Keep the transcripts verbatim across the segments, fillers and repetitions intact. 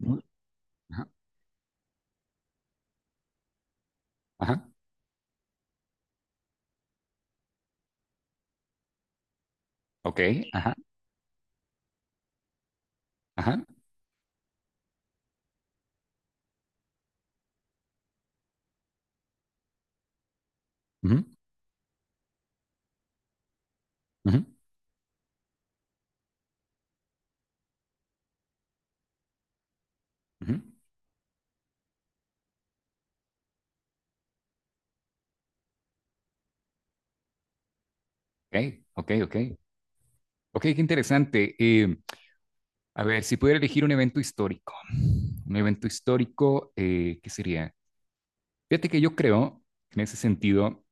Ujú. Ajá, ajá. Ok. Ajá, ajá. Ujú, ujú, ujú. Ok, ok, ok. Ok, qué interesante. Eh, a ver, si pudiera elegir un evento histórico, un evento histórico, eh, ¿qué sería? Fíjate que yo creo, que en ese sentido,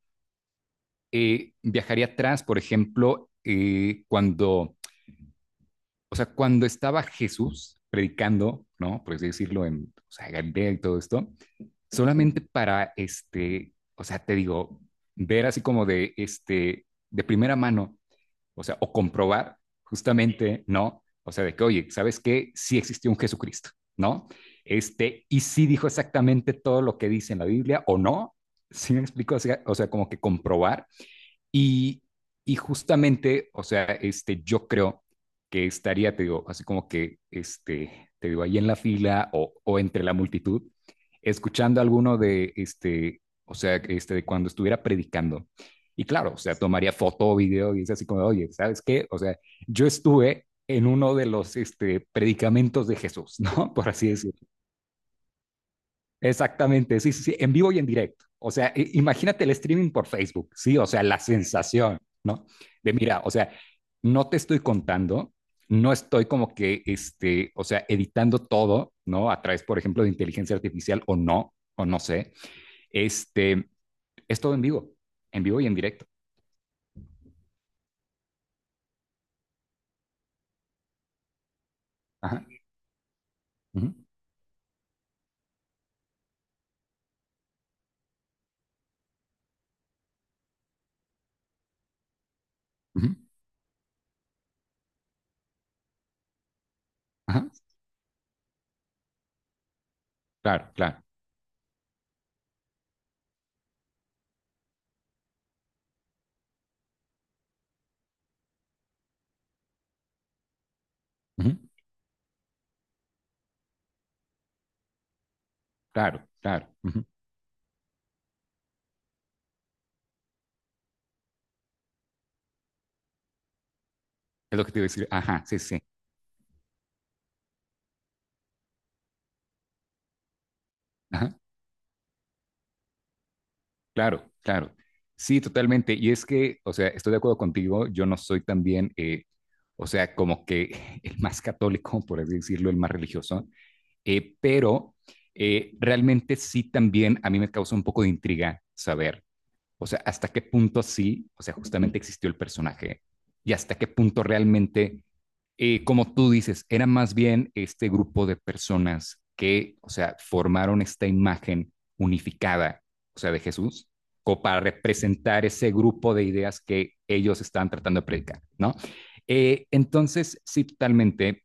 eh, viajaría atrás, por ejemplo, eh, cuando, o sea, cuando estaba Jesús predicando, ¿no? Por así decirlo, en, o sea, Galilea y todo esto solamente para, este, o sea, te digo, ver así como de, este, de primera mano, o sea, o comprobar justamente, ¿no? O sea, de que, oye, ¿sabes qué? Sí existió un Jesucristo, ¿no? Este, y sí dijo exactamente todo lo que dice en la Biblia, o no, sí me explico, o sea, o sea como que comprobar y, y justamente, o sea, este, yo creo que estaría, te digo, así como que, este, te digo, ahí en la fila o, o entre la multitud, escuchando alguno de, este, o sea, este, de cuando estuviera predicando. Y claro, o sea, tomaría foto o video y es así como, oye, ¿sabes qué? O sea, yo estuve en uno de los este, predicamentos de Jesús, ¿no? Por así decir. Exactamente, sí, sí, sí, en vivo y en directo. O sea, i- imagínate el streaming por Facebook, sí, o sea, la sensación, ¿no? De mira, o sea, no te estoy contando, no estoy como que, este, o sea, editando todo, ¿no? A través, por ejemplo, de inteligencia artificial o no, o no sé, este, es todo en vivo, en vivo y en directo. Ajá, ujú, ujú, ajá, claro, claro, ujú, claro, claro, ujú. Es lo que te iba a decir, ajá, sí, sí, claro, claro. Sí, totalmente. Y es que, o sea, estoy de acuerdo contigo, yo no soy también, eh, o sea, como que el más católico, por así decirlo, el más religioso, eh, pero eh, realmente sí también a mí me causa un poco de intriga saber, o sea, hasta qué punto sí, o sea, justamente existió el personaje y hasta qué punto realmente, eh, como tú dices, era más bien este grupo de personas que, o sea, formaron esta imagen unificada, o sea, de Jesús, como para representar ese grupo de ideas que ellos estaban tratando de predicar, ¿no? Eh, entonces, sí, totalmente.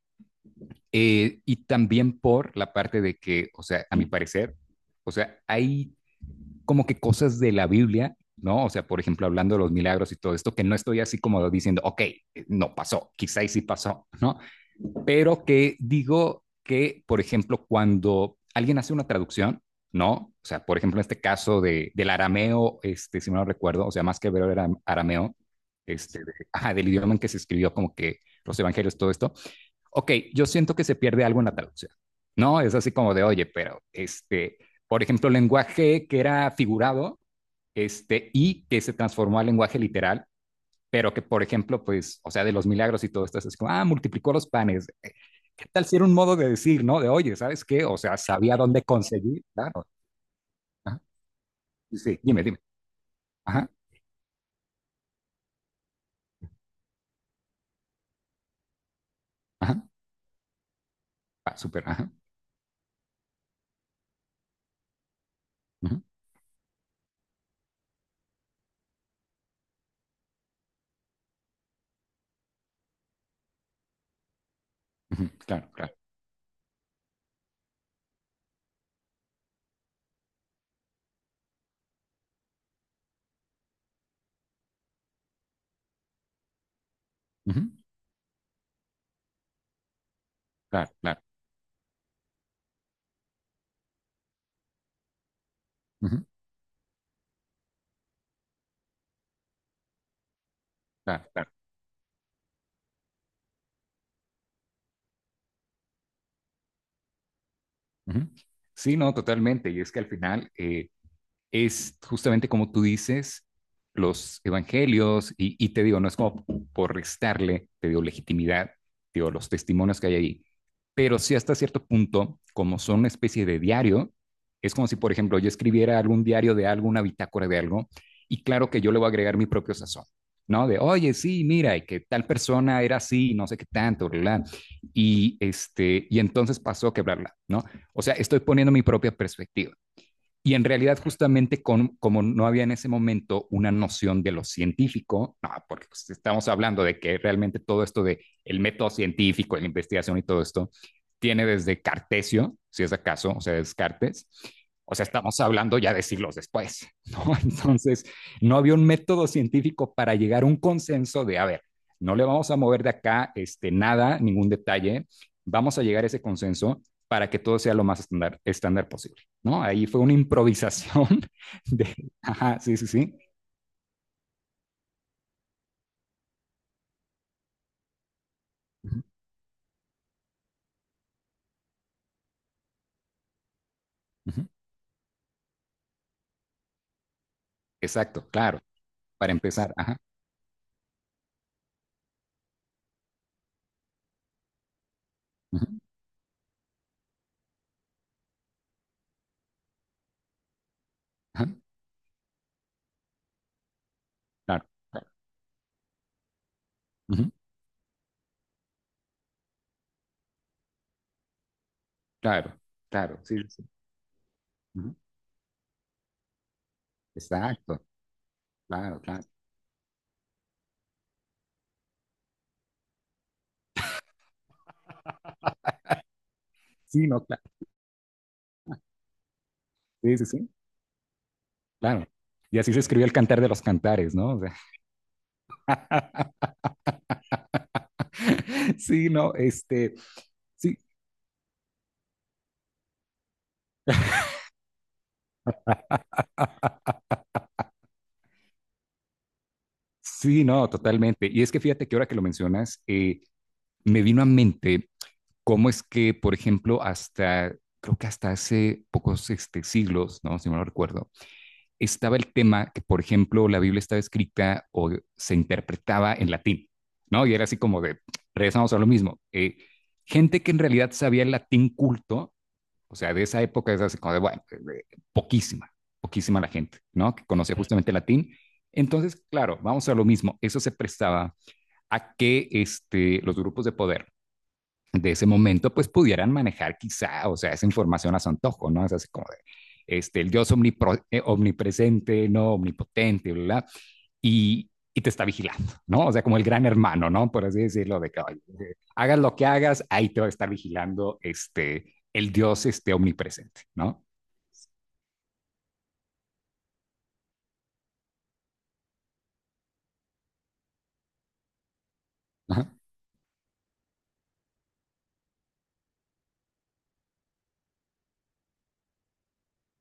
Eh, y también por la parte de que, o sea, a mi parecer, o sea, hay como que cosas de la Biblia, ¿no? O sea, por ejemplo, hablando de los milagros y todo esto, que no estoy así como diciendo, ok, eh, no pasó, quizá sí pasó, ¿no? Pero que digo que, por ejemplo, cuando alguien hace una traducción, ¿no? O sea, por ejemplo, en este caso de, del arameo, este, si no lo recuerdo, o sea, más que ver era arameo, este, de, ajá, del idioma en que se escribió como que los evangelios, todo esto, ok, yo siento que se pierde algo en la traducción, ¿no? Es así como de, oye, pero este, por ejemplo, lenguaje que era figurado, este, y que se transformó al lenguaje literal, pero que, por ejemplo, pues, o sea, de los milagros y todo esto, es como, ah, multiplicó los panes. eh, ¿Qué tal si era un modo de decir, no? De, oye, ¿sabes qué? O sea, sabía dónde conseguir, claro. Ajá. Sí, sí, dime, dime. Ajá, ajá, ah, súper, ajá. Ujú, ujú, claro, claro, ujú, claro, claro, ujú, claro, claro, ujú. Sí, no, totalmente. Y es que al final, eh, es justamente como tú dices, los evangelios, y, y te digo, no es como por restarle, te digo, legitimidad, te digo, los testimonios que hay ahí, pero sí hasta cierto punto, como son una especie de diario, es como si, por ejemplo, yo escribiera algún diario de algo, una bitácora de algo, y claro que yo le voy a agregar mi propio sazón, ¿no? De, oye, sí, mira, y que tal persona era así, no sé qué tanto, ¿verdad? Y, este, y entonces pasó que, bla, bla, ¿no? O sea, estoy poniendo mi propia perspectiva. Y en realidad, justamente con, como no había en ese momento una noción de lo científico, no, porque pues, estamos hablando de que realmente todo esto de el método científico, la investigación y todo esto, tiene desde Cartesio, si es acaso, o sea, Descartes. O sea, estamos hablando ya de siglos después, ¿no? Entonces, no había un método científico para llegar a un consenso de, a ver, no le vamos a mover de acá, este, nada, ningún detalle, vamos a llegar a ese consenso para que todo sea lo más estándar, estándar posible. ¿No? Ahí fue una improvisación de, ajá, sí, sí, sí. Ujú, exacto, claro, para empezar, ajá, ujú, ajá, claro, claro, ujú, claro, claro, sí, sí, sí, ujú, exacto, claro, claro. Sí, no, claro. Sí, sí, sí, claro. Y así se escribió el Cantar de los Cantares, ¿no? O sea, sí, no, este, sí, sí, no, totalmente. Y es que fíjate que ahora que lo mencionas, eh, me vino a mente cómo es que, por ejemplo, hasta, creo que hasta hace pocos este, siglos, ¿no? Si no lo recuerdo, estaba el tema que, por ejemplo, la Biblia estaba escrita o se interpretaba en latín, ¿no? Y era así como de, regresamos a lo mismo. Eh, gente que en realidad sabía el latín culto, o sea, de esa época es así como de, bueno, eh, eh, poquísima, poquísima la gente, ¿no? Que conocía justamente el latín. Entonces, claro, vamos a lo mismo. Eso se prestaba a que este, los grupos de poder de ese momento, pues pudieran manejar quizá, o sea, esa información a su antojo, ¿no? Es así como de, este, el Dios omnipro, eh, omnipresente, no omnipotente, bla, bla, y, y te está vigilando, ¿no? O sea, como el gran hermano, ¿no? Por así decirlo, de que oye, hagas lo que hagas, ahí te va a estar vigilando, este, el Dios, este, omnipresente, ¿no? Ajá.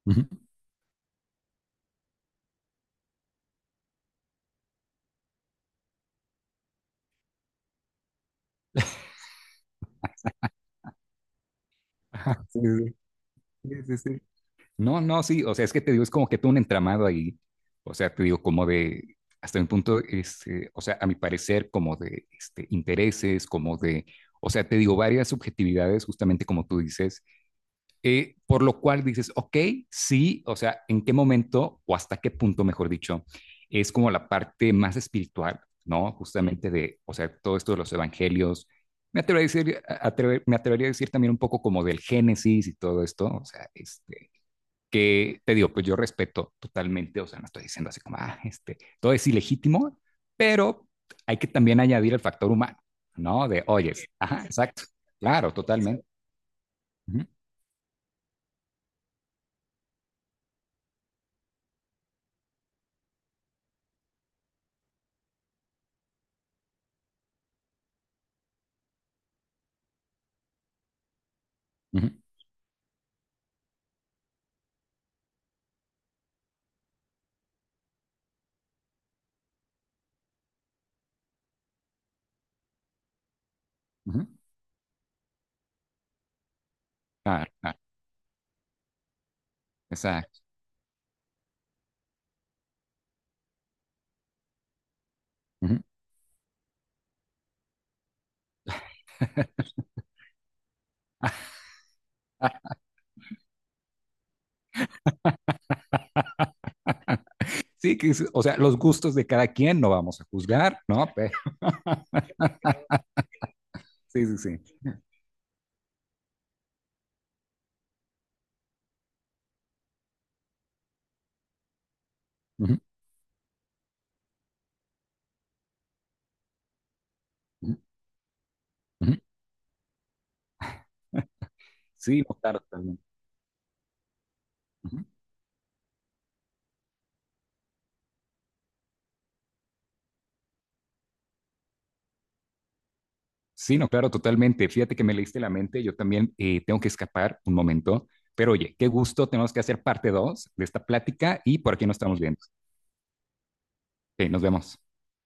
Uh-huh. Ajá. Sí, sí, sí, sí. No, no, sí, o sea, es que te digo, es como que todo un entramado ahí, o sea, te digo, como de, hasta un punto, este, o sea, a mi parecer, como de este, intereses, como de, o sea, te digo, varias subjetividades, justamente como tú dices, eh, por lo cual dices, ok, sí, o sea, ¿en qué momento o hasta qué punto, mejor dicho, es como la parte más espiritual, ¿no? Justamente de, o sea, todo esto de los evangelios, me atrevería a decir, a- atrever- me atrevería a decir también un poco como del Génesis y todo esto, o sea, este, que te digo, pues yo respeto totalmente, o sea, no estoy diciendo así como, ah, este, todo es ilegítimo, pero hay que también añadir el factor humano, ¿no? De, oyes, ajá, exacto, claro, totalmente. Ujú, ujú, ujú, claro, claro, exacto. Ujú. Sí, que, es- o sea, los gustos de cada quien no vamos a juzgar, ¿no? Pe- sí, sí, sí. Ujú, ujú, ujú. Sí, no, claro, totalmente. Sí, no, claro, totalmente. Fíjate que me leíste la mente, yo también eh, tengo que escapar un momento, pero oye, qué gusto, tenemos que hacer parte dos de esta plática y por aquí nos estamos viendo. Ok, nos vemos.